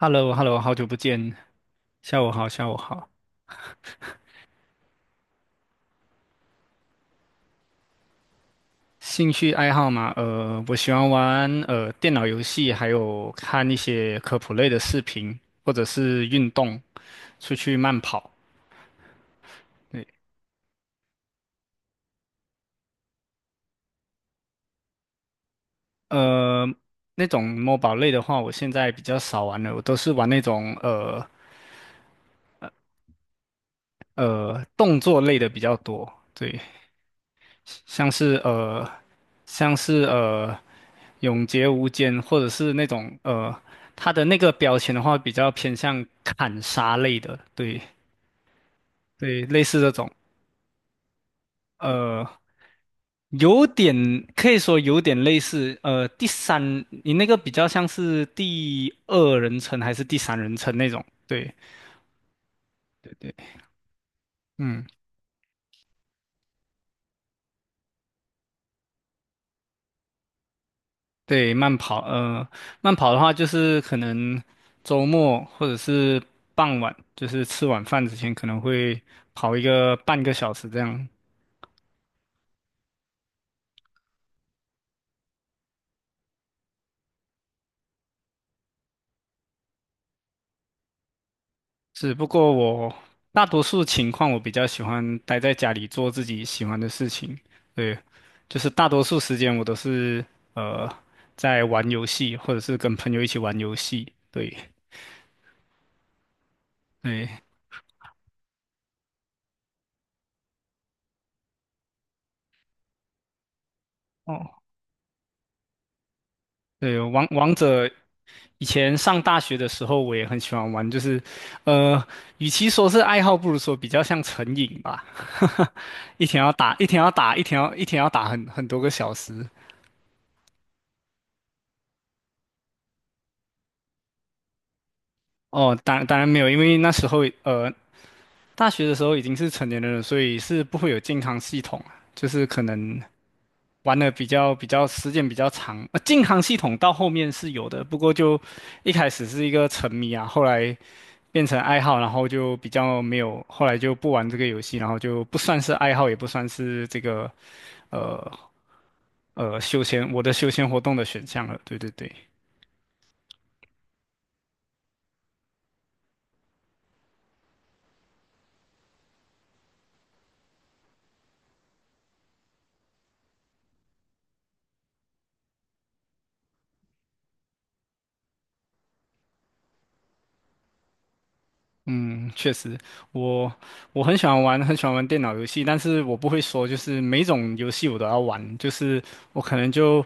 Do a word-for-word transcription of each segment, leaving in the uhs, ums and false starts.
h e l l o h e l l o 好久不见，下午好，下午好。兴趣爱好嘛，呃，我喜欢玩呃电脑游戏，还有看一些科普类的视频，或者是运动，出去慢跑。对，呃，那种 m 宝类的话，我现在比较少玩了，我都是玩那种呃呃动作类的比较多。对，像是呃，像是呃，永劫无间，或者是那种呃，它的那个标签的话，比较偏向砍杀类的，对对，类似这种，呃，有点可以说有点类似，呃，第三，你那个比较像是第二人称还是第三人称那种，对对对，嗯。对，慢跑，呃，慢跑的话就是可能周末或者是傍晚，就是吃晚饭之前可能会跑一个半个小时这样。是，不过我大多数情况我比较喜欢待在家里做自己喜欢的事情。对，就是大多数时间我都是呃在玩游戏，或者是跟朋友一起玩游戏。对，对，哦，对，王王者以前上大学的时候，我也很喜欢玩，就是，呃，与其说是爱好，不如说比较像成瘾吧。一天要打，一天要打，一天要一天要打很很多个小时。哦，当当然没有，因为那时候呃，大学的时候已经是成年人了，所以是不会有健康系统啊，就是可能玩的比较比较时间比较长。呃，健康系统到后面是有的，不过就一开始是一个沉迷啊，后来变成爱好，然后就比较没有，后来就不玩这个游戏，然后就不算是爱好，也不算是这个呃呃休闲我的休闲活动的选项了。对对对。嗯，确实，我我很喜欢玩，很喜欢玩电脑游戏，但是我不会说，就是每种游戏我都要玩，就是我可能就，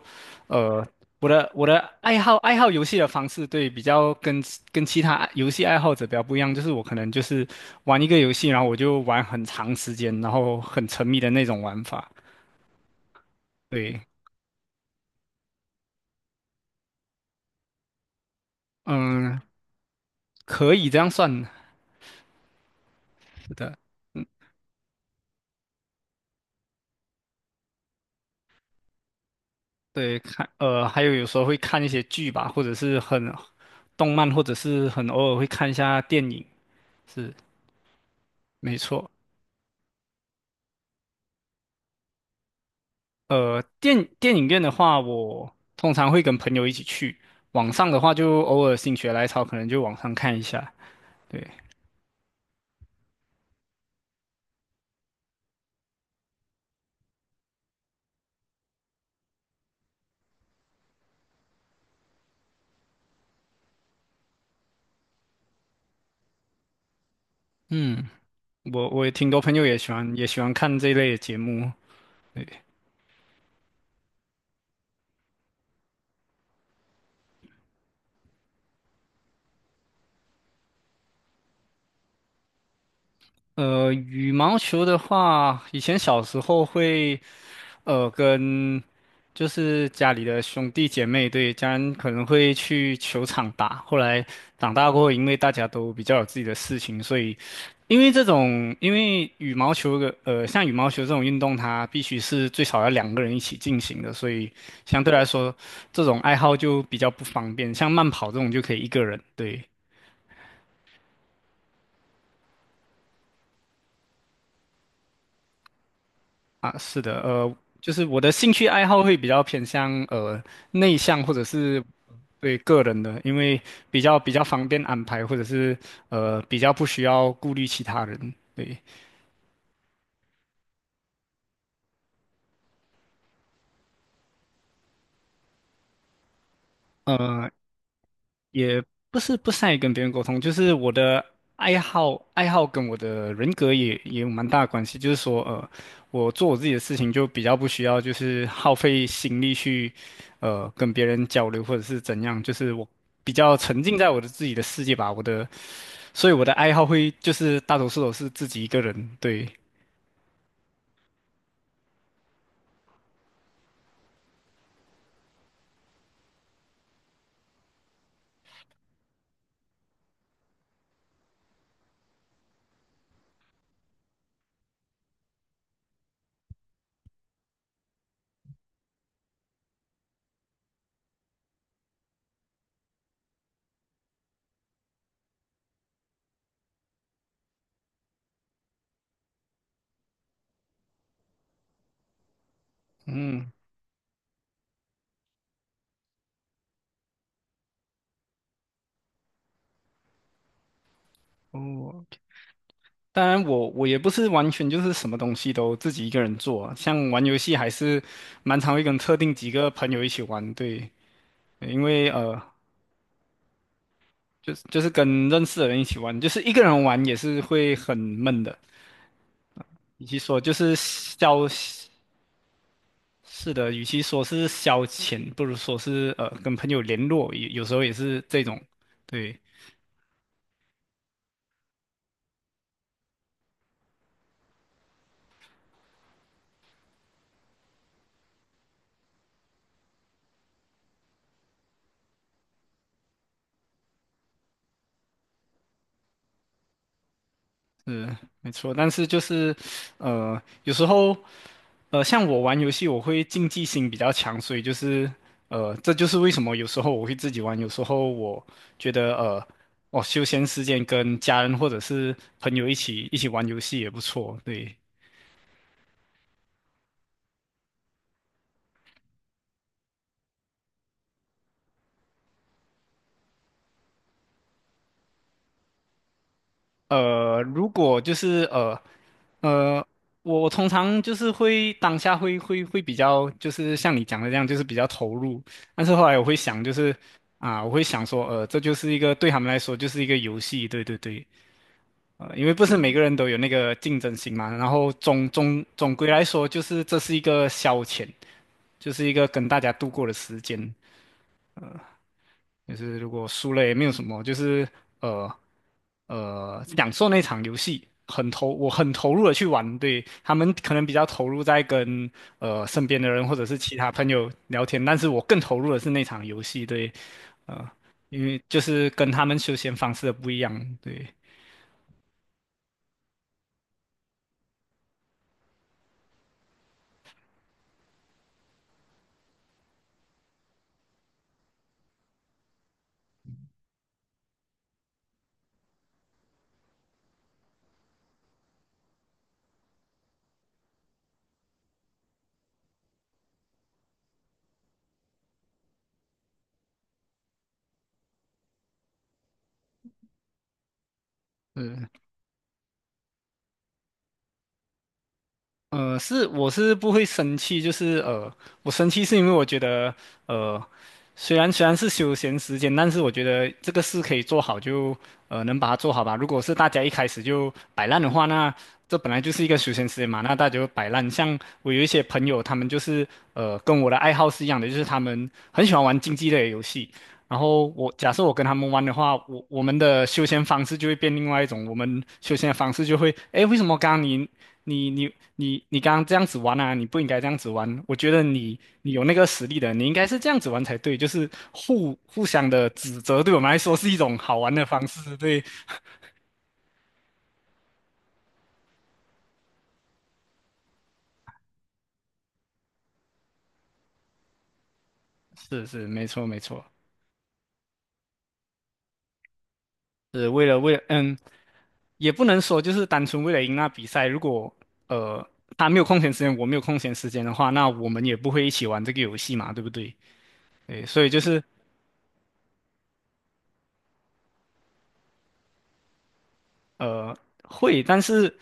呃，我的我的爱好爱好游戏的方式，对，比较跟跟其他爱游戏爱好者比较不一样，就是我可能就是玩一个游戏，然后我就玩很长时间，然后很沉迷的那种玩法，对，嗯，可以这样算的，对，看，呃，还有有时候会看一些剧吧，或者是很动漫，或者是很偶尔会看一下电影，是没错。呃，电电影院的话，我通常会跟朋友一起去；网上的话，就偶尔心血来潮，可能就网上看一下。对，我，我也挺多朋友也喜欢也喜欢看这一类的节目。对呃，羽毛球的话，以前小时候会，呃，跟就是家里的兄弟姐妹，对，家人可能会去球场打。后来长大过后，因为大家都比较有自己的事情，所以因为这种，因为羽毛球的，呃，像羽毛球这种运动，它必须是最少要两个人一起进行的，所以相对来说，这种爱好就比较不方便。像慢跑这种就可以一个人，对。啊，是的，呃，就是我的兴趣爱好会比较偏向呃内向或者是对个人的，因为比较比较方便安排，或者是呃比较不需要顾虑其他人。对，呃。也不是不善于跟别人沟通，就是我的爱好，爱好跟我的人格也也有蛮大的关系。就是说，呃，我做我自己的事情就比较不需要，就是耗费心力去，呃，跟别人交流或者是怎样。就是我比较沉浸在我的自己的世界吧，我的，所以我的爱好会就是大多数都是自己一个人。对，嗯，哦，当然我，我也不是完全就是什么东西都自己一个人做啊像玩游戏还是蛮常会跟特定几个朋友一起玩，对，因为呃，就是就是跟认识的人一起玩，就是一个人玩也是会很闷的，与其说就是消，是的，与其说是消遣，不如说是呃跟朋友联络，有有时候也是这种，对。是没错，但是就是呃，有时候呃，像我玩游戏，我会竞技心比较强，所以就是呃，这就是为什么有时候我会自己玩，有时候我觉得呃，我休闲时间跟家人或者是朋友一起一起玩游戏也不错，对。呃，如果就是呃呃，我我通常就是会当下会会会比较就是像你讲的这样，就是比较投入。但是后来我会想，就是啊，我会想说，呃，这就是一个对他们来说就是一个游戏，对对对，呃，因为不是每个人都有那个竞争心嘛。然后总总总归来说，就是这是一个消遣，就是一个跟大家度过的时间。就是如果输了也没有什么，就是呃呃享受那场游戏，很投我很投入的去玩，对他们可能比较投入在跟呃身边的人或者是其他朋友聊天，但是我更投入的是那场游戏，对，呃，因为就是跟他们休闲方式的不一样，对，嗯。呃，是我是不会生气，就是呃，我生气是因为我觉得呃，虽然虽然是休闲时间，但是我觉得这个事可以做好就呃能把它做好吧。如果是大家一开始就摆烂的话，那这本来就是一个休闲时间嘛，那大家就摆烂。像我有一些朋友，他们就是呃跟我的爱好是一样的，就是他们很喜欢玩竞技类的游戏。然后我假设我跟他们玩的话，我我们的休闲方式就会变另外一种。我们休闲的方式就会，诶，为什么刚刚你你你你你刚刚这样子玩啊？你不应该这样子玩。我觉得你你有那个实力的，你应该是这样子玩才对。就是互互相的指责，对我们来说是一种好玩的方式。对，是是，没错没错，是为了为了嗯，也不能说就是单纯为了赢那比赛。如果呃他没有空闲时间，我没有空闲时间的话，那我们也不会一起玩这个游戏嘛，对不对？对，所以就是呃会，但是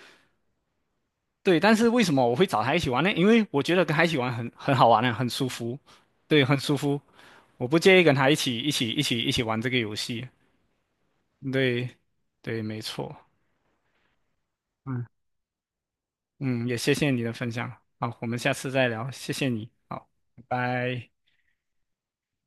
对，但是为什么我会找他一起玩呢？因为我觉得跟他一起玩很很好玩啊，很舒服，对，很舒服。我不介意跟他一起一起一起一起玩这个游戏。对，对，没错。嗯嗯，也谢谢你的分享。好，我们下次再聊，谢谢你。好，拜拜。